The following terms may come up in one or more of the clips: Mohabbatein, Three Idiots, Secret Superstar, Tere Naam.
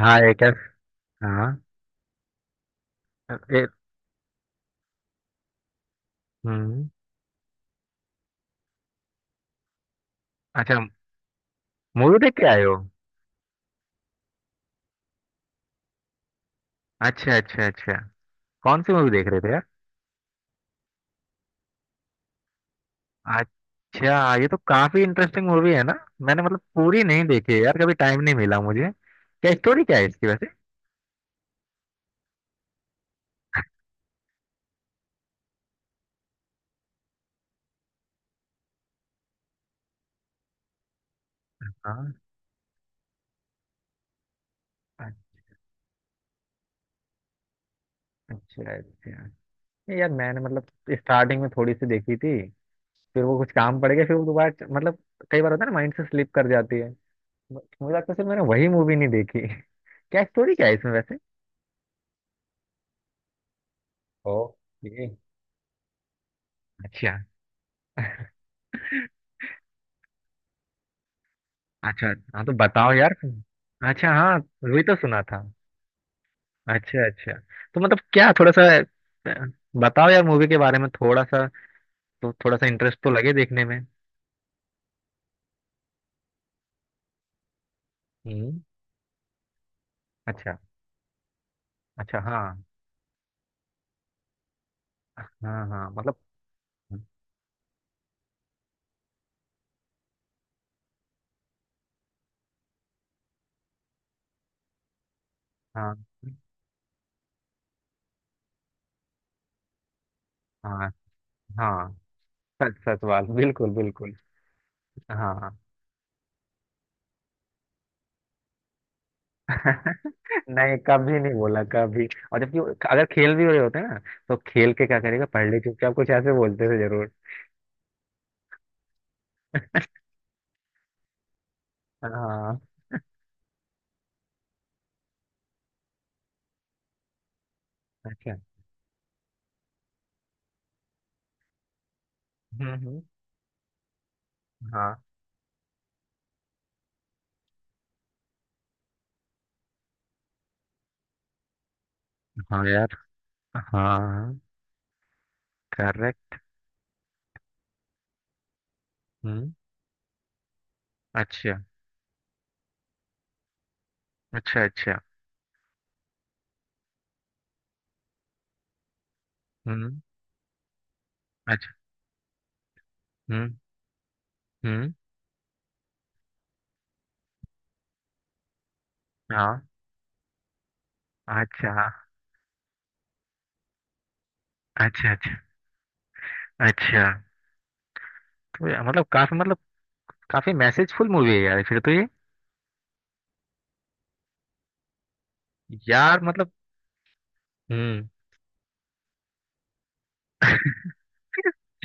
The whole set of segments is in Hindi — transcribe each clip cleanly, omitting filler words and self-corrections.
हाँ। हाँ। ए, हम्म। अच्छा। मूवी देख के आए हो? अच्छा अच्छा अच्छा। कौन सी मूवी देख रहे थे यार? अच्छा, ये तो काफी इंटरेस्टिंग मूवी है ना। मैंने मतलब पूरी नहीं देखी है यार, कभी टाइम नहीं मिला मुझे। क्या स्टोरी क्या है इसकी वैसे? हाँ। अच्छा अच्छा। नहीं यार, मैंने मतलब स्टार्टिंग में थोड़ी सी देखी थी। फिर वो कुछ काम पड़ गया, फिर वो दोबारा मतलब। कई बार होता है ना, माइंड से स्लिप कर जाती है। मुझे लगता है सिर्फ मैंने वही मूवी नहीं देखी। क्या स्टोरी क्या है इसमें वैसे? ओके। अच्छा। अच्छा हाँ, तो बताओ यार। अच्छा हाँ, वही तो सुना था। अच्छा अच्छा। तो मतलब क्या थोड़ा सा, अ, बताओ यार मूवी के बारे में थोड़ा सा। तो थोड़ा सा इंटरेस्ट तो लगे देखने में। हम्म। अच्छा अच्छा। हाँ हाँ हाँ मतलब। हाँ हाँ हाँ, सच सच बात, बिल्कुल बिल्कुल। हाँ। नहीं, कभी नहीं बोला कभी। और जबकि अगर खेल भी हो रहे होते ना, तो खेल के क्या करेगा पढ़ ले चुपचाप, कुछ ऐसे बोलते थे जरूर। हाँ। अच्छा। हम्म। हाँ। हाँ यार। हाँ, करेक्ट। हम्म। अच्छा अच्छा अच्छा। हम्म। अच्छा। हम्म हम्म। हाँ। अच्छा अच्छा अच्छा अच्छा। तो यार, मतलब काफी मतलब, काफी मैसेजफुल मूवी है यार फिर तो ये। यार मतलब। हम्म।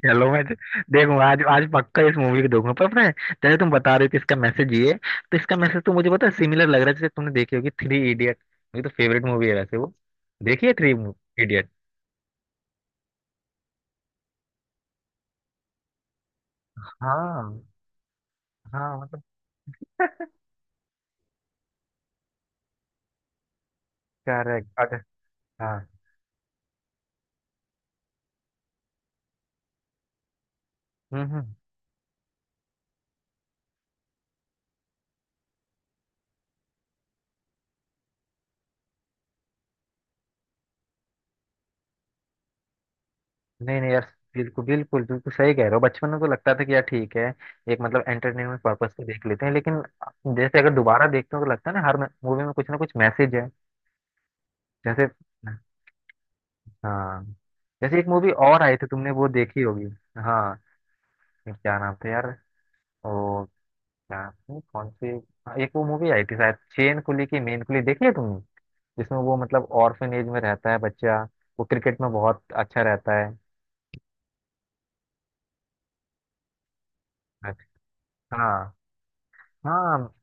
चलो, मैं देखूंगा, आज आज पक्का इस मूवी को देखूंगा। पर पता है, जैसे तुम बता रहे हो कि इसका मैसेज ये है, तो इसका मैसेज तो मुझे पता है। सिमिलर लग रहा है, जैसे तुमने देखी होगी थ्री इडियट। मेरी तो फेवरेट मूवी है वैसे वो, देखिए थ्री इडियट। हाँ हाँ मतलब। करेक्ट। अगर हाँ। हम्म। नहीं नहीं यार, बिल्कुल बिल्कुल बिल्कुल सही कह रहे हो। बचपन में तो लगता था कि यार ठीक है, एक मतलब एंटरटेनमेंट पर्पस से देख लेते हैं, लेकिन जैसे अगर दोबारा देखते हो तो लगता है ना, हर मूवी में कुछ ना कुछ मैसेज है। जैसे, हाँ, जैसे एक मूवी और आई थी, तुमने वो देखी होगी। हाँ, क्या नाम था यार। ओ, क्या, कौन सी। हाँ, एक वो मूवी आई थी शायद, चेन कुली की मेन कुली, देखी है तुमने? जिसमें वो मतलब ऑर्फनेज में रहता है बच्चा, वो क्रिकेट में बहुत अच्छा रहता है। अच्छा। हाँ हाँ।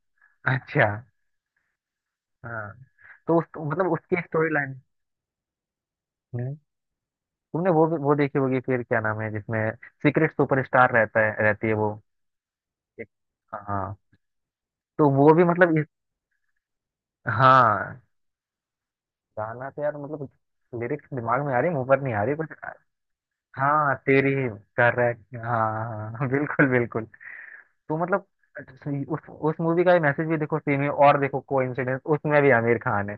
अच्छा हाँ, तो उस मतलब उसकी स्टोरी लाइन। हम्म। तुमने वो भी वो देखी होगी फिर, क्या नाम है जिसमें सीक्रेट सुपरस्टार रहता है, रहती है वो। हाँ, तो वो भी मतलब इस। हाँ। गाना तो यार मतलब, लिरिक्स दिमाग में आ रही, मुंह पर नहीं आ रही कुछ। हाँ, तेरी। करेक्ट। हाँ हाँ। बिल्कुल बिल्कुल। तो मतलब उस मूवी का ही मैसेज भी देखो, सेम है। और देखो, कोइंसिडेंस, उसमें भी आमिर खान है।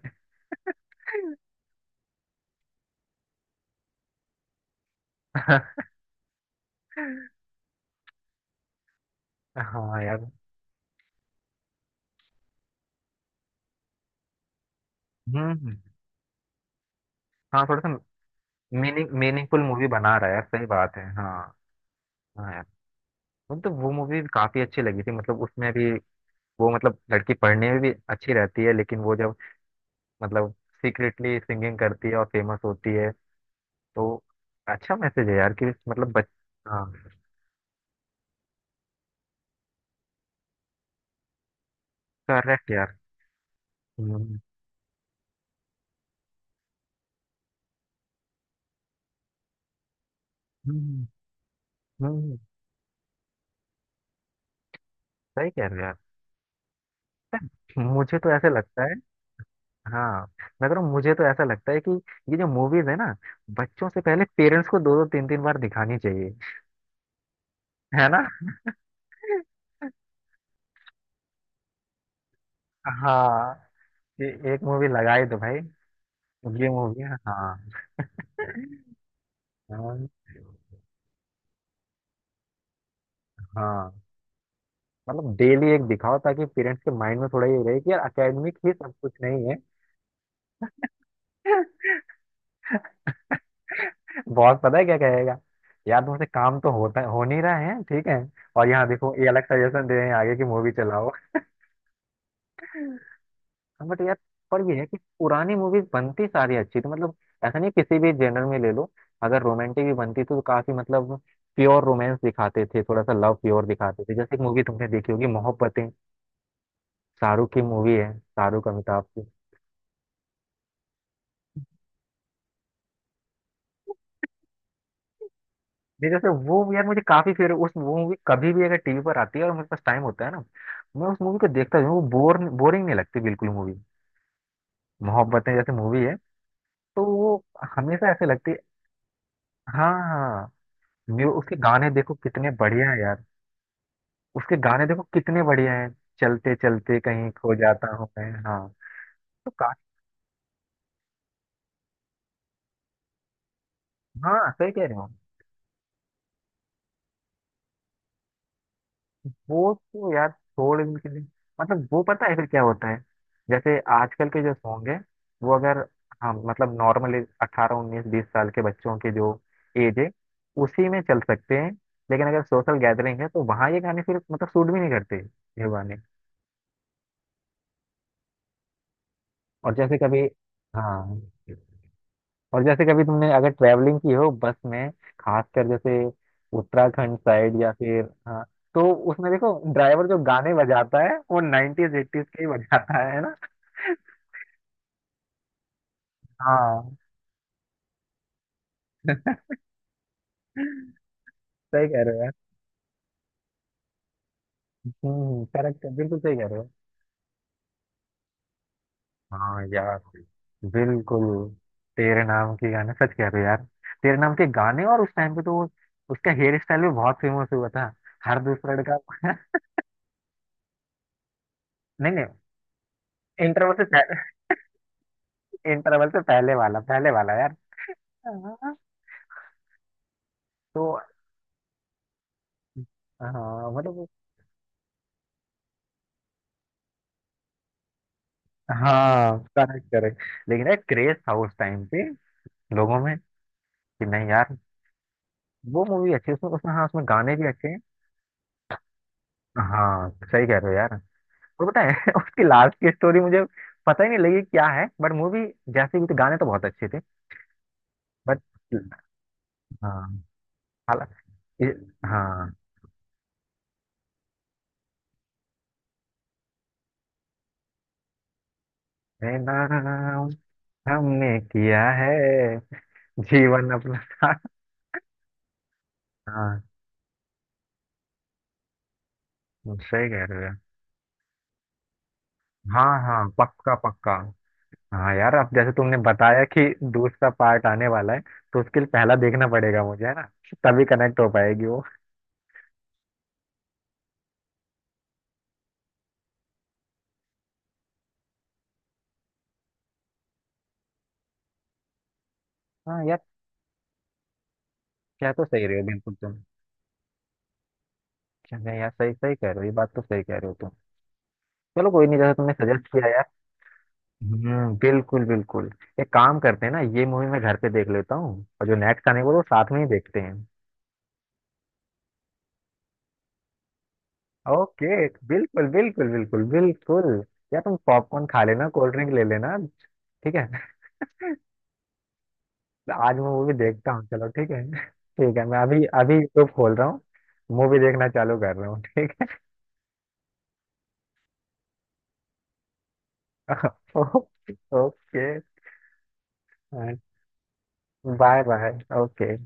हाँ यार। हम्म हम्म। हाँ थोड़ा सा मीनिंगफुल मूवी बना रहा है यार, सही बात है। हाँ। हाँ यार, मतलब वो मूवी काफी अच्छी लगी थी, मतलब उसमें भी वो, मतलब लड़की पढ़ने में भी अच्छी रहती है, लेकिन वो जब मतलब सीक्रेटली सिंगिंग करती है और फेमस होती है, तो अच्छा मैसेज है यार कि मतलब बच। हाँ करेक्ट यार। हम्म। हम्म। हम्म। सही कह रहे हो यार, मुझे तो ऐसे लगता है। हाँ, मैं कह रहा हूँ मुझे तो ऐसा लगता है कि ये जो मूवीज है ना, बच्चों से पहले पेरेंट्स को दो दो तीन तीन बार दिखानी चाहिए। है ना? हाँ ये। एक मूवी लगाई तो भाई, ये मूवी है, हाँ। हाँ हाँ मतलब डेली एक दिखाओ, ताकि पेरेंट्स के माइंड में थोड़ा ये रहे कि यार अकेडमिक ही सब कुछ नहीं है। बॉस पता है क्या कहेगा, यार तुमसे काम तो होता हो नहीं रहा है ठीक है, और यहाँ देखो ये अलग सजेशन दे रहे हैं आगे की मूवी चलाओ। बट यार, पर ये है कि पुरानी मूवीज बनती सारी अच्छी थी मतलब, ऐसा नहीं, किसी भी जेनर में ले लो। अगर रोमांटिक भी बनती थी तो काफी मतलब प्योर रोमांस दिखाते थे, थोड़ा सा लव प्योर दिखाते थे, जैसे एक मूवी तुमने देखी होगी मोहब्बतें। शाहरुख की मूवी है, शाहरुख अमिताभ की। नहीं, जैसे वो यार मुझे काफी फेवरेट उस वो मूवी, कभी भी अगर टीवी पर आती है और मेरे पास टाइम होता है ना, मैं उस मूवी को देखता हूँ। वो बोरिंग नहीं लगती बिल्कुल मूवी। मोहब्बतें जैसे मूवी है, तो वो हमेशा ऐसे लगती है। हाँ हाँ। उसके गाने देखो कितने बढ़िया है यार। उसके गाने देखो कितने बढ़िया है। चलते चलते कहीं खो जाता हूँ मैं। हाँ। तो का हाँ, सही कह रहे हो। वो तो यार छोड़ इनके लिए। मतलब वो पता है फिर क्या होता है, जैसे आजकल के जो सॉन्ग है, वो अगर, हाँ मतलब नॉर्मली 18 19 20 साल के बच्चों की जो एज है, उसी में चल सकते हैं। लेकिन अगर सोशल गैदरिंग है, तो वहाँ ये गाने फिर मतलब सूट भी नहीं करते ये गाने। और जैसे कभी, हाँ, और जैसे कभी तुमने अगर ट्रैवलिंग की हो बस में, खासकर जैसे उत्तराखंड साइड, या फिर, हाँ, तो उसमें देखो, ड्राइवर जो गाने बजाता है वो 90s 80s के ही बजाता है। हाँ, सही कह रहे हो यार। हम्म, करेक्ट है, बिल्कुल सही कह रहे हो। हाँ यार। बिल्कुल। तेरे नाम के गाने, सच कह रहे हो यार। तेरे नाम के गाने, और उस टाइम पे तो उसका हेयर स्टाइल भी बहुत फेमस हुआ था, हर दूसरा लड़का नहीं नहीं, इंटरवल से पहले, इंटरवल से पहले वाला, पहले वाला यार। हाँ। तो, हाँ मतलब। हाँ करेक्ट करेक्ट। लेकिन यार क्रेज था उस टाइम पे लोगों में कि नहीं यार, वो मूवी अच्छी है, उसमें उसमें, हाँ, उसमें गाने भी अच्छे हैं। हाँ, सही कह रहे हो यार। और पता है उसकी लास्ट की स्टोरी मुझे पता ही नहीं लगी क्या है, बट मूवी जैसे भी थी गाने तो बहुत अच्छे थे। बट हाँ, हाला- ये- हाँ, ये नाम हमने किया है जीवन अपना था। हाँ सही कह रहे हो। हाँ हाँ पक्का पक्का। हाँ यार, अब जैसे तुमने बताया कि दूसरा पार्ट आने वाला है, तो उसके लिए पहला देखना पड़ेगा मुझे, है ना? तभी कनेक्ट हो पाएगी वो। हाँ यार, क्या तो सही रहे हो बिल्कुल तुम। क्या नहीं यार, सही सही कह रहे हो, ये बात तो सही कह रहे हो तुम। चलो कोई नहीं, जैसा तुमने सजेस्ट किया यार। हम्म, बिल्कुल बिल्कुल। एक काम करते हैं ना, ये मूवी मैं घर पे देख लेता हूँ, और जो नेट का नहीं वो तो साथ में ही देखते हैं। ओके, बिल्कुल बिल्कुल बिल्कुल बिल्कुल। यार तुम पॉपकॉर्न खा लेना, कोल्ड ड्रिंक ले लेना। ठीक है। आज मैं मूवी देखता हूँ, चलो ठीक है ठीक है। मैं अभी अभी यूट्यूब खोल रहा हूँ। मूवी देखना चालू कर रहा हूँ, ठीक। ओके। Bye bye okay.